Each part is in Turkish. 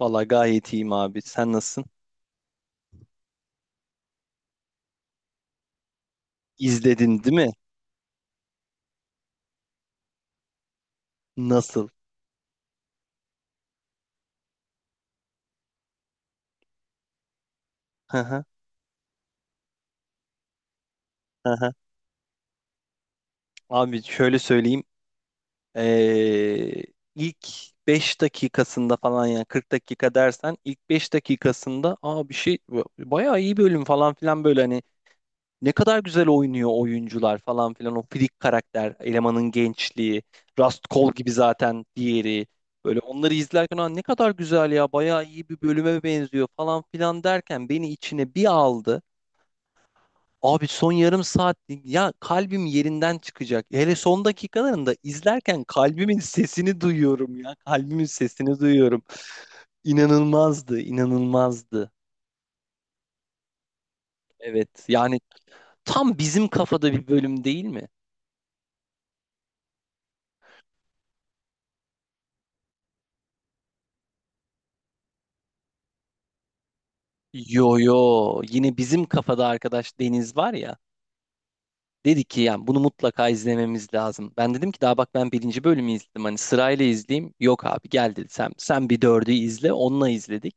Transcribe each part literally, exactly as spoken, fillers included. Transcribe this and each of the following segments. Valla gayet iyiyim abi. Sen nasılsın? İzledin değil mi? Nasıl? Hı hı, hı hı. Abi şöyle söyleyeyim. Ee, ilk beş dakikasında falan yani kırk dakika dersen ilk beş dakikasında aa bir şey bayağı iyi bölüm falan filan böyle hani ne kadar güzel oynuyor oyuncular falan filan o freak karakter elemanın gençliği Rust Cole gibi zaten diğeri böyle onları izlerken "Aa, ne kadar güzel ya bayağı iyi bir bölüme benziyor falan filan derken beni içine bir aldı. Abi son yarım saat ya kalbim yerinden çıkacak. Hele son dakikalarında izlerken kalbimin sesini duyuyorum ya. Kalbimin sesini duyuyorum. İnanılmazdı, inanılmazdı. Evet yani tam bizim kafada bir bölüm değil mi? Yo yo yine bizim kafada arkadaş Deniz var ya. Dedi ki yani bunu mutlaka izlememiz lazım. Ben dedim ki daha bak ben birinci bölümü izledim. Hani sırayla izleyeyim. Yok abi gel dedi sen, sen bir dördü izle onunla izledik.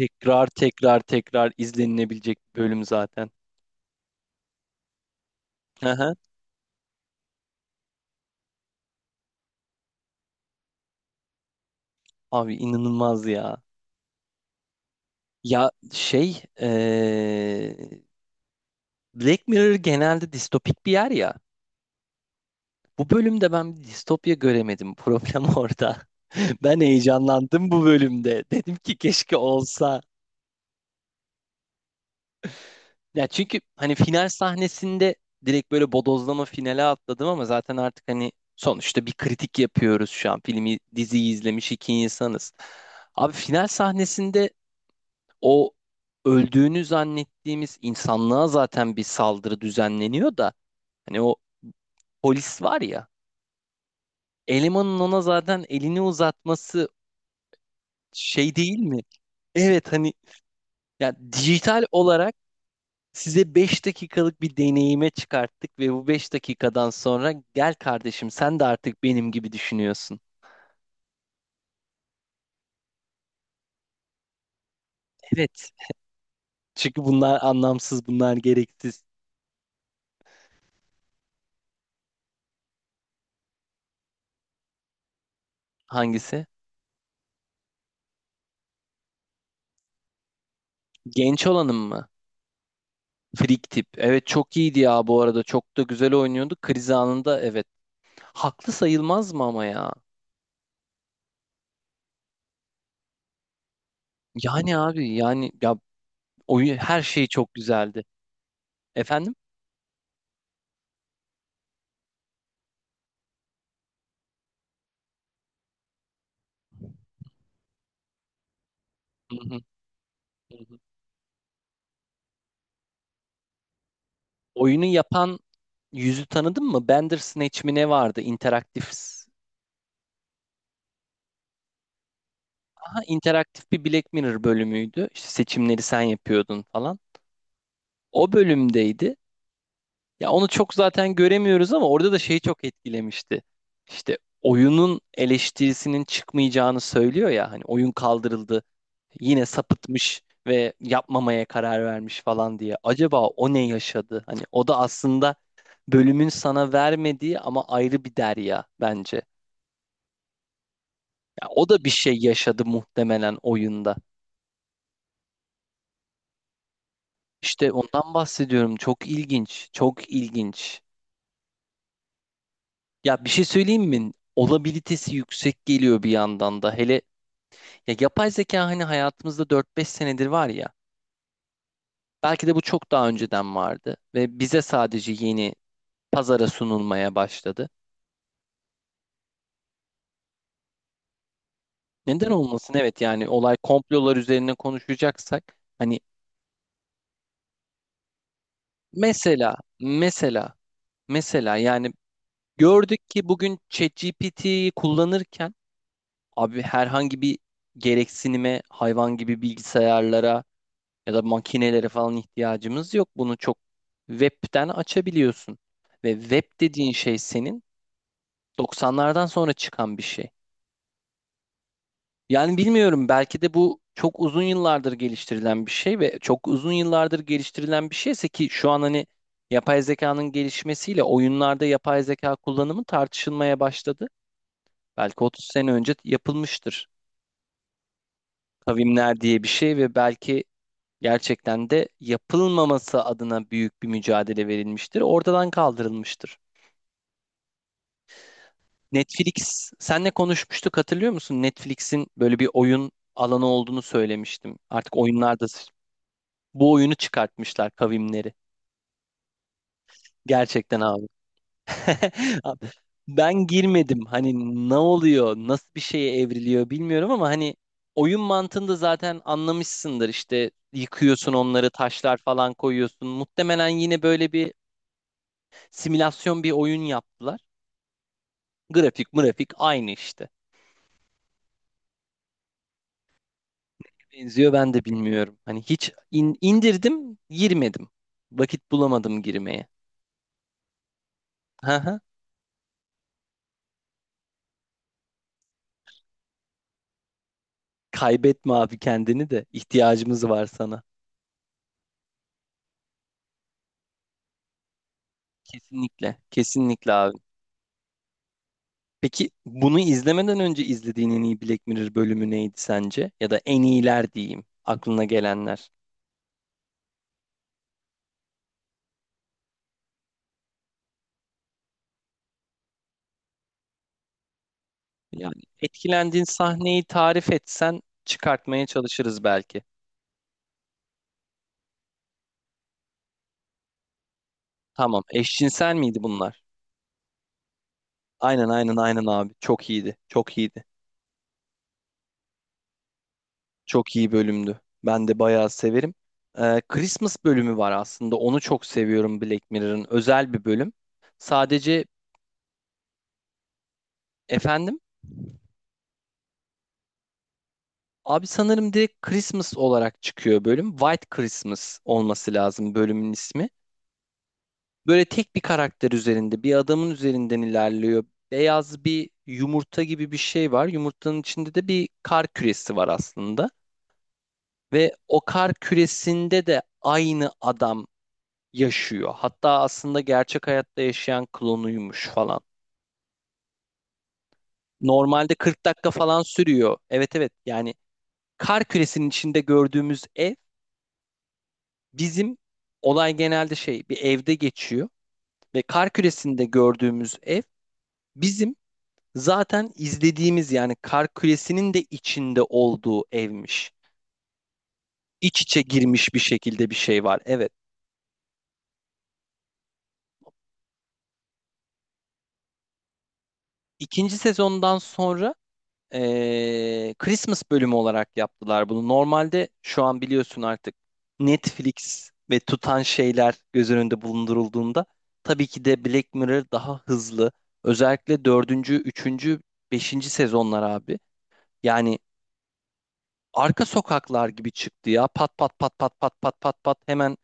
Tekrar tekrar tekrar izlenilebilecek bir bölüm zaten. Aha. Abi inanılmaz ya. Ya şey eee, Black Mirror genelde distopik bir yer ya. Bu bölümde ben bir distopya göremedim. Problem orada. Ben heyecanlandım bu bölümde. Dedim ki keşke olsa. Ya çünkü hani final sahnesinde direkt böyle bodozlama finale atladım ama zaten artık hani sonuçta bir kritik yapıyoruz şu an. Filmi, diziyi izlemiş iki insanız. Abi final sahnesinde o öldüğünü zannettiğimiz insanlığa zaten bir saldırı düzenleniyor da hani o polis var ya elemanın ona zaten elini uzatması şey değil mi? Evet hani ya dijital olarak size beş dakikalık bir deneyime çıkarttık ve bu beş dakikadan sonra gel kardeşim sen de artık benim gibi düşünüyorsun. Evet. Çünkü bunlar anlamsız, bunlar gereksiz. Hangisi? Genç olanın mı? Frik tip. Evet çok iyiydi ya bu arada. Çok da güzel oynuyordu. Kriz anında evet. Haklı sayılmaz mı ama ya? Yani abi yani ya oyun her şey çok güzeldi. Efendim? Hı hı, hı hı. Oyunu yapan yüzü tanıdın mı? Bandersnatch mi ne vardı? İnteraktif. Aha, interaktif bir Black Mirror bölümüydü. İşte seçimleri sen yapıyordun falan. O bölümdeydi. Ya onu çok zaten göremiyoruz ama orada da şey çok etkilemişti. İşte oyunun eleştirisinin çıkmayacağını söylüyor ya hani oyun kaldırıldı. Yine sapıtmış ve yapmamaya karar vermiş falan diye. Acaba o ne yaşadı? Hani o da aslında bölümün sana vermediği ama ayrı bir derya bence. Ya o da bir şey yaşadı muhtemelen oyunda. İşte ondan bahsediyorum. Çok ilginç, çok ilginç. Ya bir şey söyleyeyim mi? Olabilitesi yüksek geliyor bir yandan da. Hele ya yapay zeka hani hayatımızda dört beş senedir var ya. Belki de bu çok daha önceden vardı ve bize sadece yeni pazara sunulmaya başladı. Neden olmasın? Evet yani olay komplolar üzerine konuşacaksak hani mesela mesela mesela yani gördük ki bugün ChatGPT'yi kullanırken abi herhangi bir gereksinime hayvan gibi bilgisayarlara ya da makinelere falan ihtiyacımız yok. Bunu çok webten açabiliyorsun. Ve web dediğin şey senin doksanlardan sonra çıkan bir şey. Yani bilmiyorum belki de bu çok uzun yıllardır geliştirilen bir şey ve çok uzun yıllardır geliştirilen bir şeyse ki şu an hani yapay zekanın gelişmesiyle oyunlarda yapay zeka kullanımı tartışılmaya başladı. Belki otuz sene önce yapılmıştır. Kavimler diye bir şey ve belki gerçekten de yapılmaması adına büyük bir mücadele verilmiştir. Ortadan kaldırılmıştır. Netflix, senle konuşmuştuk hatırlıyor musun? Netflix'in böyle bir oyun alanı olduğunu söylemiştim. Artık oyunlarda bu oyunu çıkartmışlar kavimleri. Gerçekten abi. Abi, ben girmedim. Hani ne oluyor, nasıl bir şeye evriliyor bilmiyorum ama hani oyun mantığını da zaten anlamışsındır. İşte yıkıyorsun onları, taşlar falan koyuyorsun. Muhtemelen yine böyle bir simülasyon bir oyun yaptılar. Grafik mırafik aynı işte. Benziyor ben de bilmiyorum. Hani hiç in- indirdim, girmedim. Vakit bulamadım girmeye. Hı hı. Kaybetme abi kendini de. İhtiyacımız var sana. Kesinlikle, kesinlikle abi. Peki bunu izlemeden önce izlediğin en iyi Black Mirror bölümü neydi sence? Ya da en iyiler diyeyim, aklına gelenler. Yani etkilendiğin sahneyi tarif etsen çıkartmaya çalışırız belki. Tamam, eşcinsel miydi bunlar? Aynen aynen aynen abi. Çok iyiydi. Çok iyiydi. Çok iyi bölümdü. Ben de bayağı severim. Ee, Christmas bölümü var aslında. Onu çok seviyorum Black Mirror'ın. Özel bir bölüm. Sadece efendim abi sanırım direkt Christmas olarak çıkıyor bölüm. White Christmas olması lazım bölümün ismi. Böyle tek bir karakter üzerinde, bir adamın üzerinden ilerliyor. Beyaz bir yumurta gibi bir şey var. Yumurtanın içinde de bir kar küresi var aslında. Ve o kar küresinde de aynı adam yaşıyor. Hatta aslında gerçek hayatta yaşayan klonuymuş falan. Normalde kırk dakika falan sürüyor. Evet evet yani kar küresinin içinde gördüğümüz ev bizim olay genelde şey bir evde geçiyor ve kar küresinde gördüğümüz ev bizim zaten izlediğimiz yani kar küresinin de içinde olduğu evmiş. İç içe girmiş bir şekilde bir şey var. Evet. İkinci sezondan sonra e, Christmas bölümü olarak yaptılar bunu. Normalde şu an biliyorsun artık Netflix ve tutan şeyler göz önünde bulundurulduğunda tabii ki de Black Mirror daha hızlı. Özellikle dördüncü, üçüncü, beşinci sezonlar abi. Yani arka sokaklar gibi çıktı ya. Pat pat pat pat pat pat pat pat hemen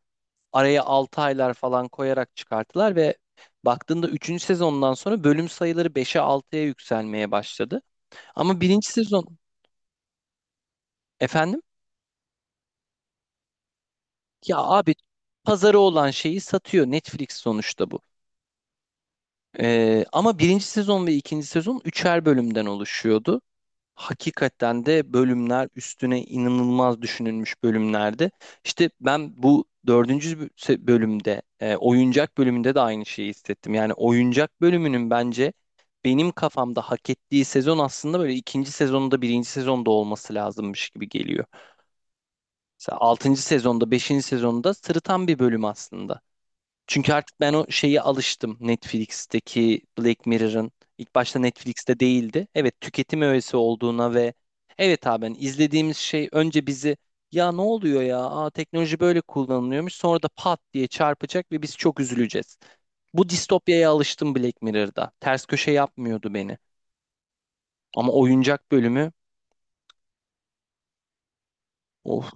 araya altı aylar falan koyarak çıkarttılar ve baktığında üçüncü sezondan sonra bölüm sayıları beşe altıya yükselmeye başladı. Ama birinci sezon efendim. Ya abi pazarı olan şeyi satıyor Netflix sonuçta bu. Ee, ama birinci sezon ve ikinci sezon üçer bölümden oluşuyordu. Hakikaten de bölümler üstüne inanılmaz düşünülmüş bölümlerdi. İşte ben bu dördüncü bö- se- bölümde e, oyuncak bölümünde de aynı şeyi hissettim. Yani oyuncak bölümünün bence benim kafamda hak ettiği sezon aslında böyle ikinci sezonda birinci sezonda olması lazımmış gibi geliyor. Mesela altıncı sezonda beşinci sezonda sırıtan bir bölüm aslında. Çünkü artık ben o şeye alıştım. Netflix'teki Black Mirror'ın ilk başta Netflix'te değildi. Evet tüketim öğesi olduğuna ve evet abi hani izlediğimiz şey önce bizi ya ne oluyor ya Aa, teknoloji böyle kullanılıyormuş sonra da pat diye çarpacak ve biz çok üzüleceğiz. Bu distopyaya alıştım Black Mirror'da. Ters köşe yapmıyordu beni. Ama oyuncak bölümü, of.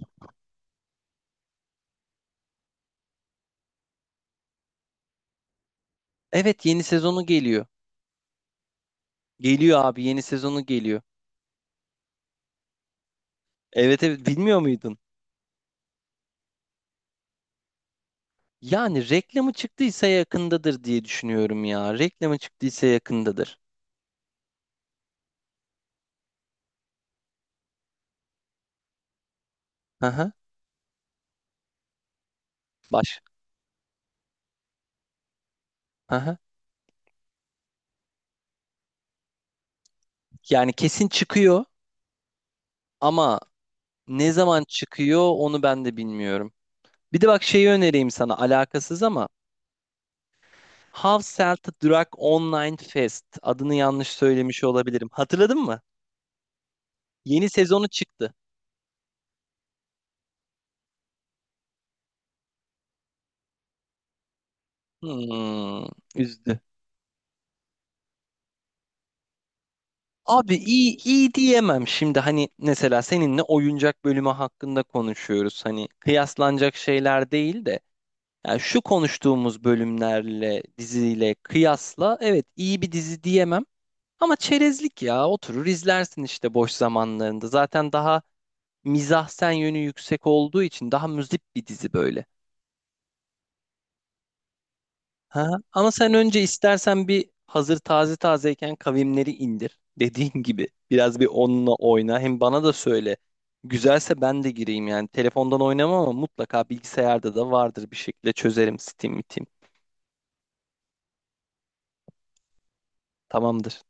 Evet yeni sezonu geliyor. Geliyor abi yeni sezonu geliyor. Evet evet bilmiyor muydun? Yani reklamı çıktıysa yakındadır diye düşünüyorum ya. Reklamı çıktıysa yakındadır. Aha, baş. Aha. Yani kesin çıkıyor ama ne zaman çıkıyor onu ben de bilmiyorum. Bir de bak şeyi önereyim sana alakasız ama How Sell to Drug Online Fest adını yanlış söylemiş olabilirim. Hatırladın mı? Yeni sezonu çıktı. Hmm, üzdü. Abi iyi iyi diyemem şimdi hani mesela seninle oyuncak bölümü hakkında konuşuyoruz. Hani kıyaslanacak şeyler değil de yani şu konuştuğumuz bölümlerle diziyle kıyasla evet iyi bir dizi diyemem ama çerezlik ya oturur izlersin işte boş zamanlarında. Zaten daha mizahsen yönü yüksek olduğu için daha müzip bir dizi böyle. Ha, ama sen önce istersen bir hazır taze tazeyken kavimleri indir. Dediğin gibi biraz bir onunla oyna. Hem bana da söyle. Güzelse ben de gireyim yani. Telefondan oynamam ama mutlaka bilgisayarda da vardır bir şekilde çözerim Steam, Steam. Tamamdır.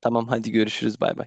Tamam hadi görüşürüz bay bay.